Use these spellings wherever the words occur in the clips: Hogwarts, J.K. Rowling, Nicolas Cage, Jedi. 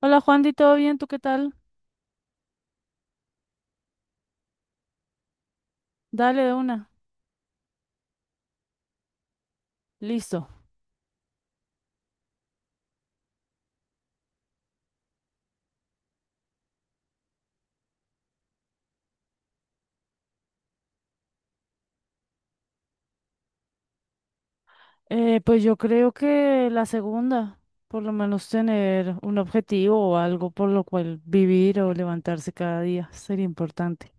Hola Juandy, ¿todo bien? ¿Tú qué tal? Dale de una. Listo. Pues yo creo que la segunda, por lo menos tener un objetivo o algo por lo cual vivir o levantarse cada día sería importante.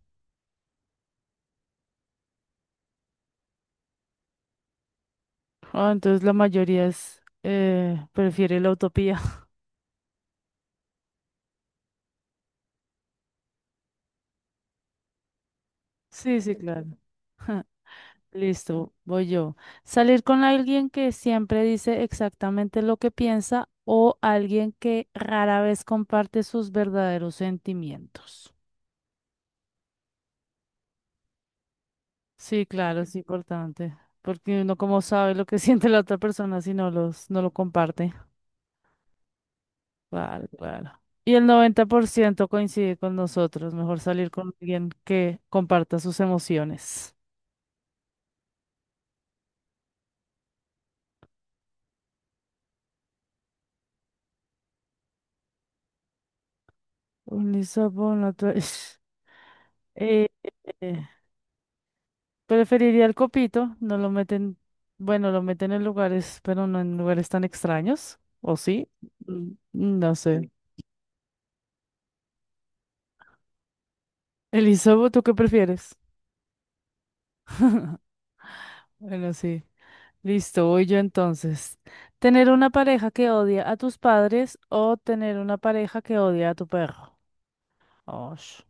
Ah, entonces la mayoría es, prefiere la utopía. Sí, sí, claro. Listo, voy yo. Salir con alguien que siempre dice exactamente lo que piensa o alguien que rara vez comparte sus verdaderos sentimientos. Sí, claro, es importante, porque uno como sabe lo que siente la otra persona si no los, no lo comparte. Claro, claro. Y el 90% coincide con nosotros, mejor salir con alguien que comparta sus emociones. Un lisabón, otro- Eh, eh, preferiría el copito, no lo meten, bueno, lo meten en lugares, pero no en lugares tan extraños, ¿o sí? Mm, no sé. Elizabeth, ¿tú qué prefieres? Bueno, sí. Listo, voy yo entonces. ¿Tener una pareja que odia a tus padres o tener una pareja que odia a tu perro? Osh.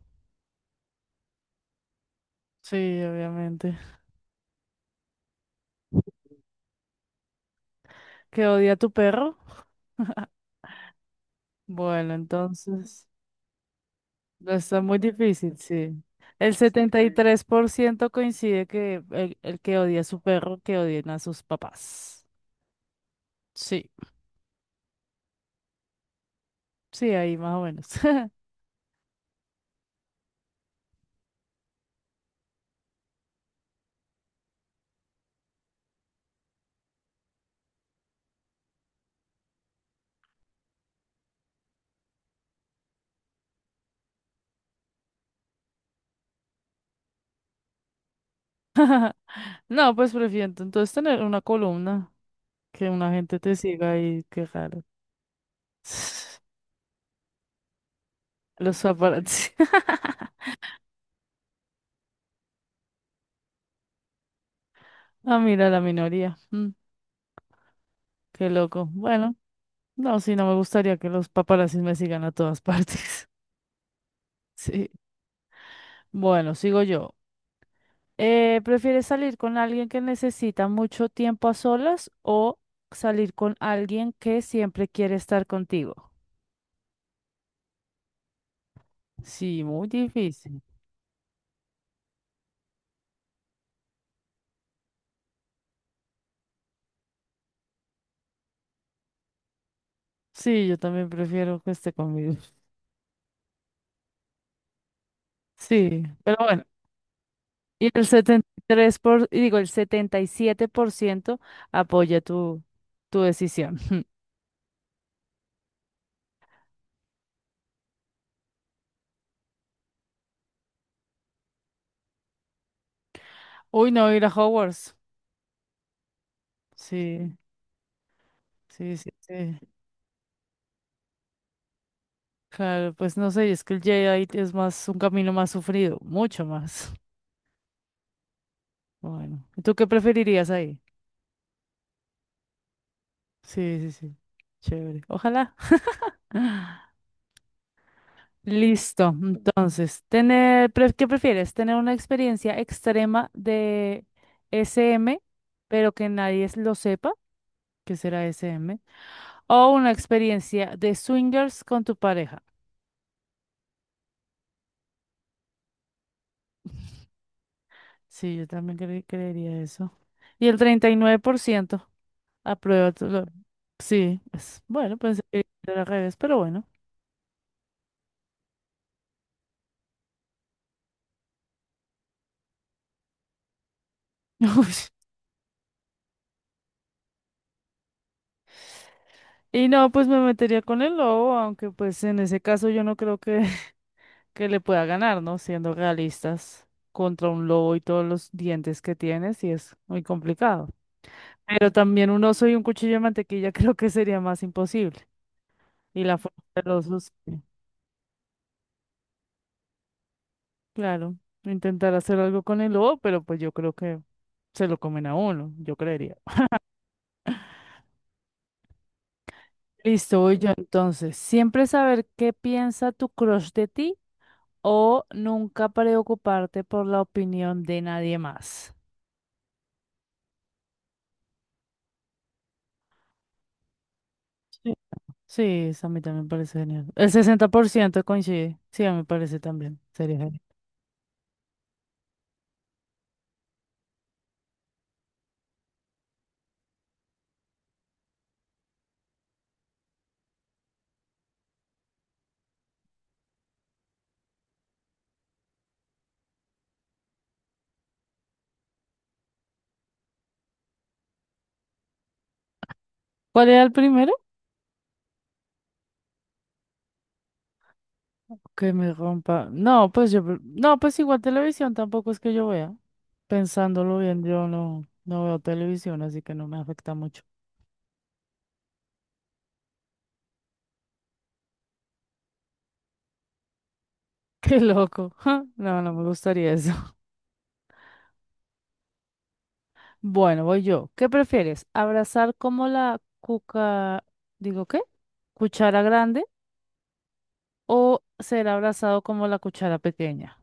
Sí, obviamente. ¿Que odia a tu perro? Bueno, entonces no está muy difícil, sí. El 73% coincide que el que odia a su perro, que odien a sus papás. Sí, sí, ahí más o menos. No, pues prefiero entonces tener una columna, que una gente te siga y qué raro. Los paparazzi. Ah, mira, la minoría. Mm, qué loco. Bueno, no, sí, no me gustaría que los paparazzis me sigan a todas partes. Sí. Bueno, sigo yo. ¿Prefieres salir con alguien que necesita mucho tiempo a solas o salir con alguien que siempre quiere estar contigo? Sí, muy difícil. Sí, yo también prefiero que esté conmigo. Sí, pero bueno. Y el 77% apoya tu decisión. Uy, no, ir a Hogwarts. Sí, sí, sí, sí. Claro, pues no sé, es que el Jedi es más un camino más sufrido, mucho más. Bueno, ¿y ¿tú qué preferirías ahí? Sí, sí, sí. Chévere. Ojalá. Listo. Entonces, ¿qué prefieres? ¿Tener una experiencia extrema de SM, pero que nadie s- lo sepa? ¿Qué será SM? ¿O una experiencia de swingers con tu pareja? Sí, yo también creería eso. Y el 39% aprueba tu lo- Sí, es, bueno, pensé que era al revés, pero bueno. Y no, pues me metería con el lobo, aunque pues en ese caso yo no creo que, que le pueda ganar, ¿no? Siendo realistas, contra un lobo y todos los dientes que tiene, sí es muy complicado. Pero también un oso y un cuchillo de mantequilla creo que sería más imposible. Y la fuerza del oso, sí. Claro, intentar hacer algo con el lobo, pero pues yo creo que se lo comen a uno, yo creería. Listo, voy yo entonces. Siempre saber qué piensa tu crush de ti o nunca preocuparte por la opinión de nadie más. Sí. Sí, eso a mí también me parece genial. El 60% coincide. Sí, a mí me parece también. Sería genial. ¿Cuál era el primero? Que me rompa. No, pues yo. Pre- No, pues igual televisión tampoco es que yo vea. Pensándolo bien, yo no, no veo televisión, así que no me afecta mucho. Qué loco. No, no me gustaría eso. Bueno, voy yo. ¿Qué prefieres? ¿Abrazar como la cuca, digo qué? ¿Cuchara grande o ser abrazado como la cuchara pequeña?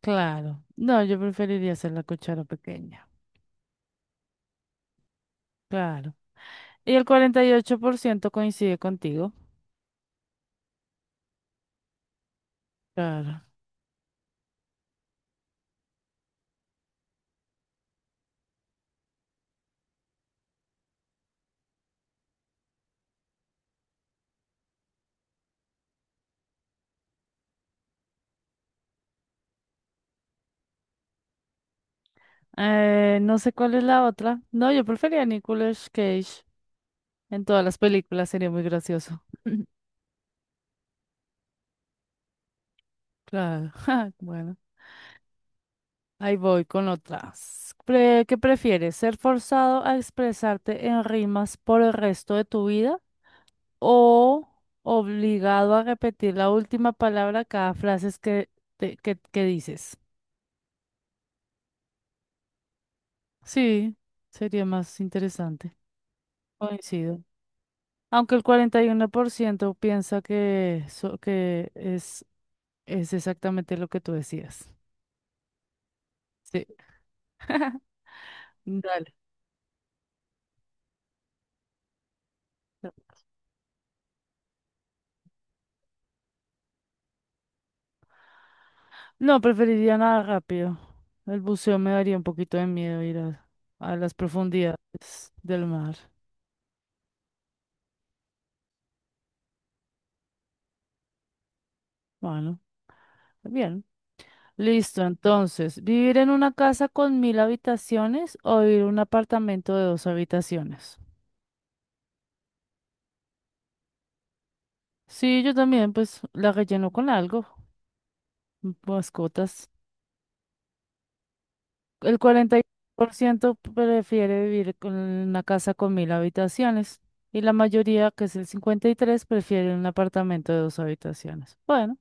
Claro. No, yo preferiría ser la cuchara pequeña. Claro. Y el 48% coincide contigo. Claro. No sé cuál es la otra. No, yo prefería a Nicolas Cage en todas las películas, sería muy gracioso. Claro. Ja, bueno. Ahí voy con otras. Pre- ¿Qué prefieres? ¿Ser forzado a expresarte en rimas por el resto de tu vida o obligado a repetir la última palabra cada frase que dices? Sí, sería más interesante. Coincido. Aunque el 41% piensa que es exactamente lo que tú decías. Sí, dale. No, preferiría nada rápido. El buceo me daría un poquito de miedo ir a las profundidades del mar. Bueno, bien. Listo, entonces, ¿vivir en una casa con mil habitaciones o vivir en un apartamento de dos habitaciones? Sí, yo también, pues la relleno con algo, mascotas. El 41% prefiere vivir con una casa con mil habitaciones y la mayoría, que es el 53, prefiere un apartamento de dos habitaciones. Bueno,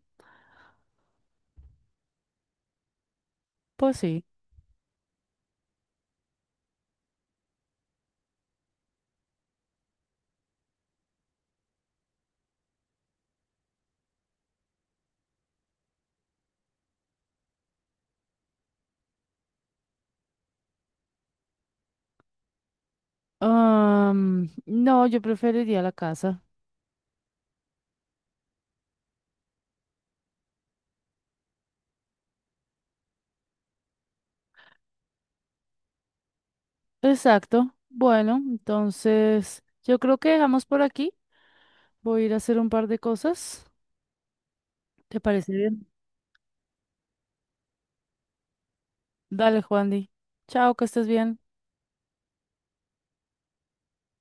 pues sí. Am, no, yo preferiría la casa. Exacto. Bueno, entonces yo creo que dejamos por aquí. Voy a ir a hacer un par de cosas. ¿Te parece bien? Dale, Juandi. Chao, que estés bien.